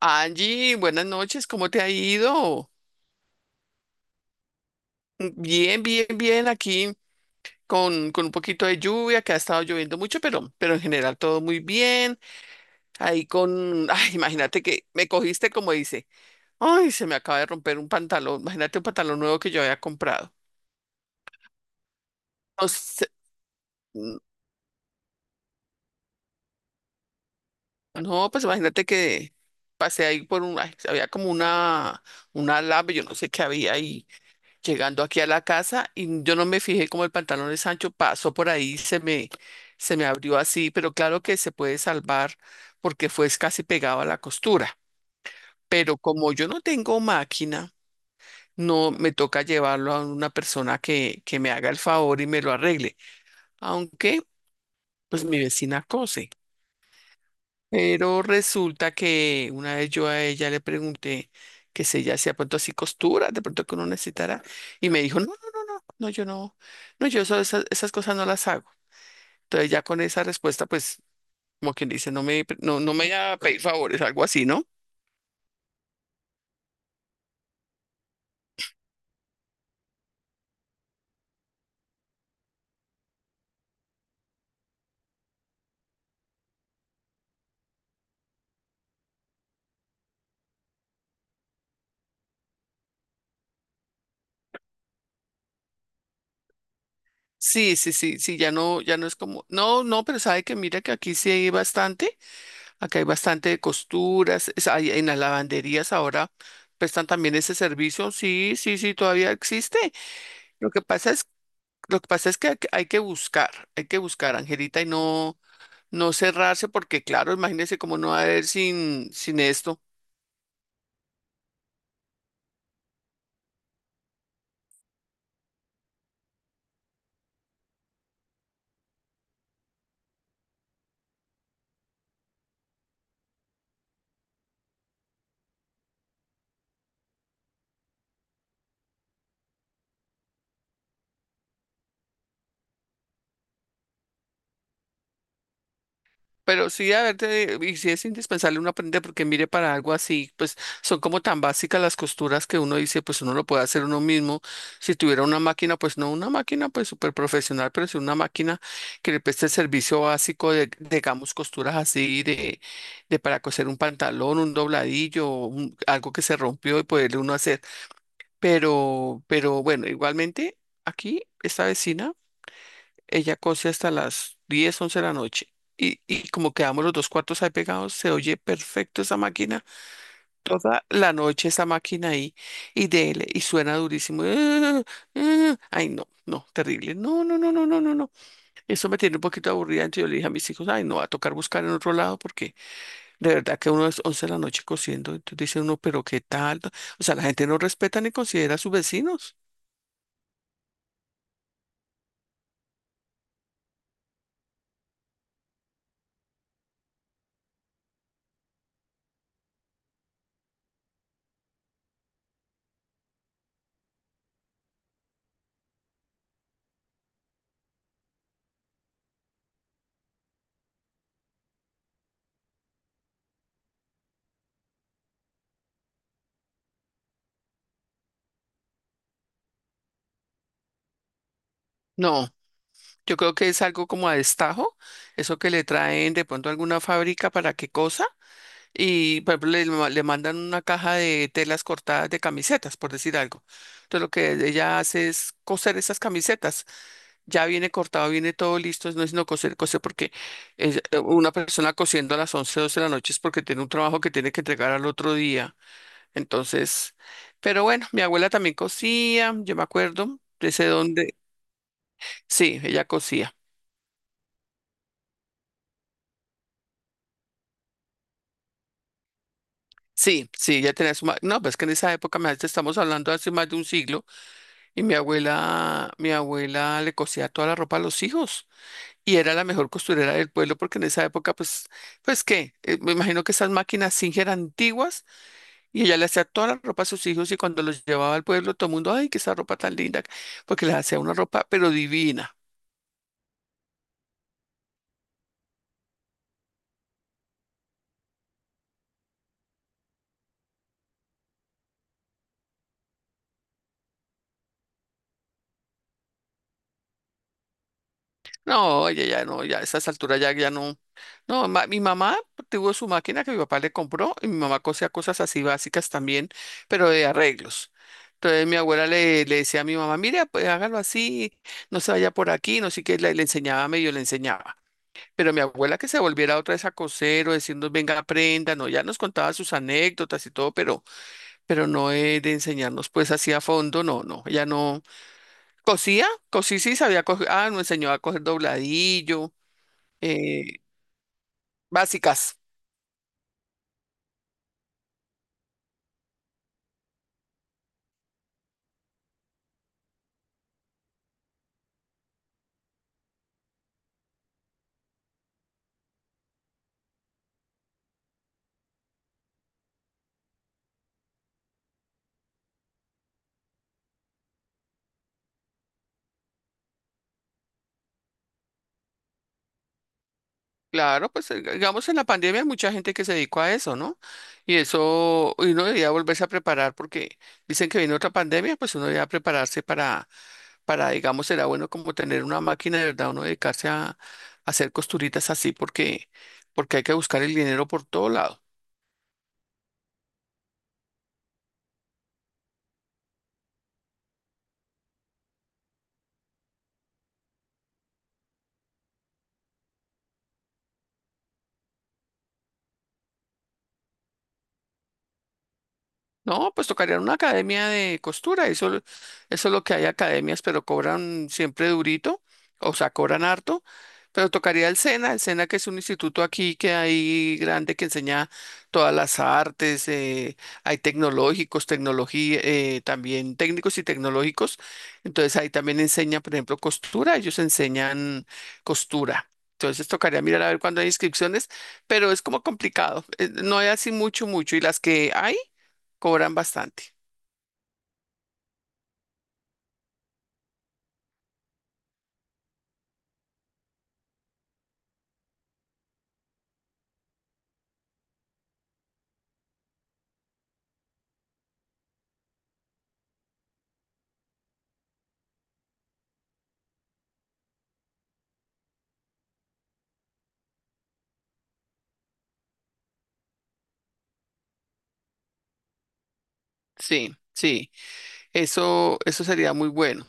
Angie, buenas noches, ¿cómo te ha ido? Bien, bien, bien, aquí con un poquito de lluvia, que ha estado lloviendo mucho, pero en general todo muy bien. Ahí con, ay, imagínate que me cogiste como dice, ay, se me acaba de romper un pantalón, imagínate un pantalón nuevo que yo había comprado. No, sé, mm, no, pues imagínate que pasé ahí por un, ay, había como una lab, yo no sé qué había ahí llegando aquí a la casa y yo no me fijé como el pantalón de Sancho pasó por ahí, se me abrió así, pero claro que se puede salvar porque fue casi pegado a la costura. Pero como yo no tengo máquina, no me toca llevarlo a una persona que me haga el favor y me lo arregle, aunque pues mi vecina cose. Pero resulta que una vez yo a ella le pregunté que si ella hacía pronto así costuras, de pronto que uno necesitara, y me dijo, no, no, yo no, no, yo esas, esas cosas no las hago. Entonces ya con esa respuesta, pues, como quien dice, no, no me vaya a pedir favores, algo así, ¿no? Sí, sí, sí, sí, ya no, ya no es como, no, no, pero sabe que mira que aquí sí hay bastante, acá hay bastante de costuras, hay, en las lavanderías ahora prestan también ese servicio, sí, sí, sí, todavía existe. Lo que pasa es, lo que pasa es que hay que buscar, Angelita, y no, no cerrarse, porque claro, imagínese cómo no va a haber sin esto. Pero sí, a ver, y sí es indispensable uno aprender, porque mire, para algo así, pues son como tan básicas las costuras que uno dice, pues uno lo puede hacer uno mismo. Si tuviera una máquina, pues no una máquina, pues súper profesional, pero si una máquina que le preste el servicio básico de, digamos, costuras así, de para coser un pantalón, un dobladillo, algo que se rompió y poderle uno hacer. Pero bueno, igualmente, aquí, esta vecina. Ella cose hasta las 10 11 de la noche. Y como quedamos los dos cuartos ahí pegados, se oye perfecto esa máquina. Toda la noche esa máquina ahí y dele, y suena durísimo. ¡Ah! ¡Ah! Ah. Ay, no, no, terrible. No, no, no, no, no, no, no. Eso me tiene un poquito aburrida. Entonces yo le dije a mis hijos, ay, no, va a tocar buscar en otro lado porque de verdad que uno es 11 de la noche cosiendo. Entonces dice uno, pero qué tal. O sea, la gente no respeta ni considera a sus vecinos. No. Yo creo que es algo como a destajo, eso que le traen de pronto a alguna fábrica para qué cosa, y por ejemplo le mandan una caja de telas cortadas de camisetas, por decir algo. Entonces lo que ella hace es coser esas camisetas. Ya viene cortado, viene todo listo, no es sino coser, coser, porque una persona cosiendo a las 11 12 de la noche es porque tiene un trabajo que tiene que entregar al otro día. Entonces, pero bueno, mi abuela también cosía, yo me acuerdo, de ese donde, sí, ella cosía. Sí, sí, ya tenía su. No, pues que en esa época, me estamos hablando hace más de un siglo, y mi abuela le cosía toda la ropa a los hijos, y era la mejor costurera del pueblo, porque en esa época, pues, pues qué, me imagino que esas máquinas Singer eran antiguas, y ella le hacía toda la ropa a sus hijos, y cuando los llevaba al pueblo, todo el mundo, ay, que esa ropa tan linda, porque les hacía una ropa, pero divina. No, oye, ya no, ya a esas alturas ya, ya no. No, mi mamá tuvo su máquina que mi papá le compró y mi mamá cosía cosas así básicas también, pero de arreglos. Entonces mi abuela le decía a mi mamá, mira, pues hágalo así, no se vaya por aquí, no sé qué, le enseñaba, medio le enseñaba. Pero mi abuela que se volviera otra vez a coser o decirnos, venga, aprenda, no, ya nos contaba sus anécdotas y todo, pero no de enseñarnos pues así a fondo, no, no, ella no. Cosía, cosí sí sabía coser, ah, nos enseñó a coger dobladillo, eh, básicas. Claro, pues digamos en la pandemia hay mucha gente que se dedicó a eso, ¿no? Y eso, y uno debía volverse a preparar porque dicen que viene otra pandemia, pues uno debía prepararse para, digamos, será bueno como tener una máquina de verdad, uno dedicarse a hacer costuritas así porque, porque hay que buscar el dinero por todo lado. No, pues tocaría una academia de costura, eso, eso es lo que hay academias, pero cobran siempre durito, o sea, cobran harto, pero tocaría el SENA que es un instituto aquí que hay grande que enseña todas las artes, hay tecnológicos, tecnología, también técnicos y tecnológicos, entonces ahí también enseña, por ejemplo, costura, ellos enseñan costura. Entonces tocaría mirar a ver cuándo hay inscripciones, pero es como complicado, no hay así mucho, mucho, y las que hay cobran bastante. Sí, sí. Eso sería muy bueno.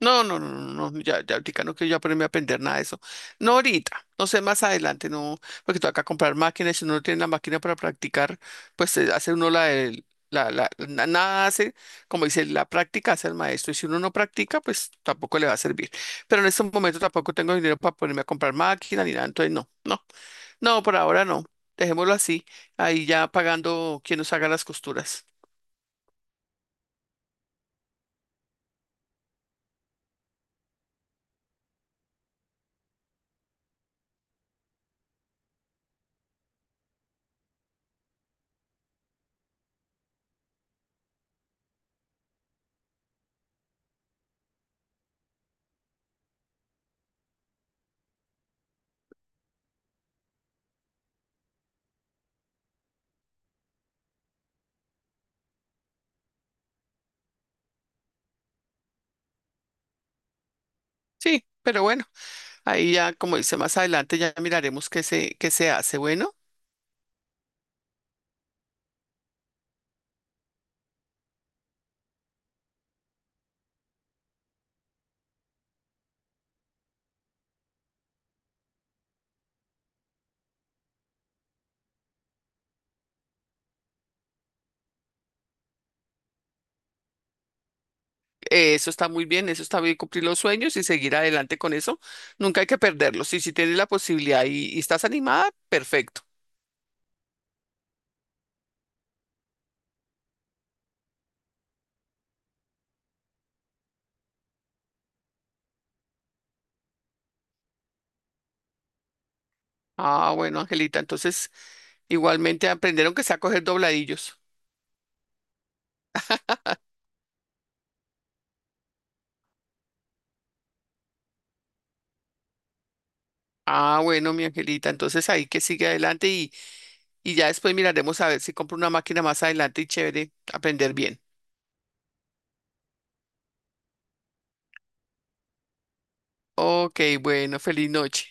No, no, no, no, no, ya, ya ahorita no quiero yo ponerme a aprender nada de eso. No ahorita, no sé, más adelante, no, porque toca comprar máquinas, si uno no tiene la máquina para practicar, pues hace uno nada hace, como dice, la práctica hace el maestro, y si uno no practica, pues tampoco le va a servir. Pero en este momento tampoco tengo dinero para ponerme a comprar máquina ni nada, entonces no, no, no, por ahora no, dejémoslo así, ahí ya pagando quien nos haga las costuras. Sí, pero bueno, ahí ya, como dice más adelante, ya miraremos qué se hace. Bueno, eso está muy bien, eso está bien, cumplir los sueños y seguir adelante con eso. Nunca hay que perderlos. Y si tienes la posibilidad y estás animada, perfecto. Ah, bueno, Angelita, entonces igualmente aprendieron que sea a coger dobladillos. Ah, bueno, mi Angelita, entonces ahí que sigue adelante y ya después miraremos a ver si compro una máquina más adelante y chévere, aprender bien. Ok, bueno, feliz noche.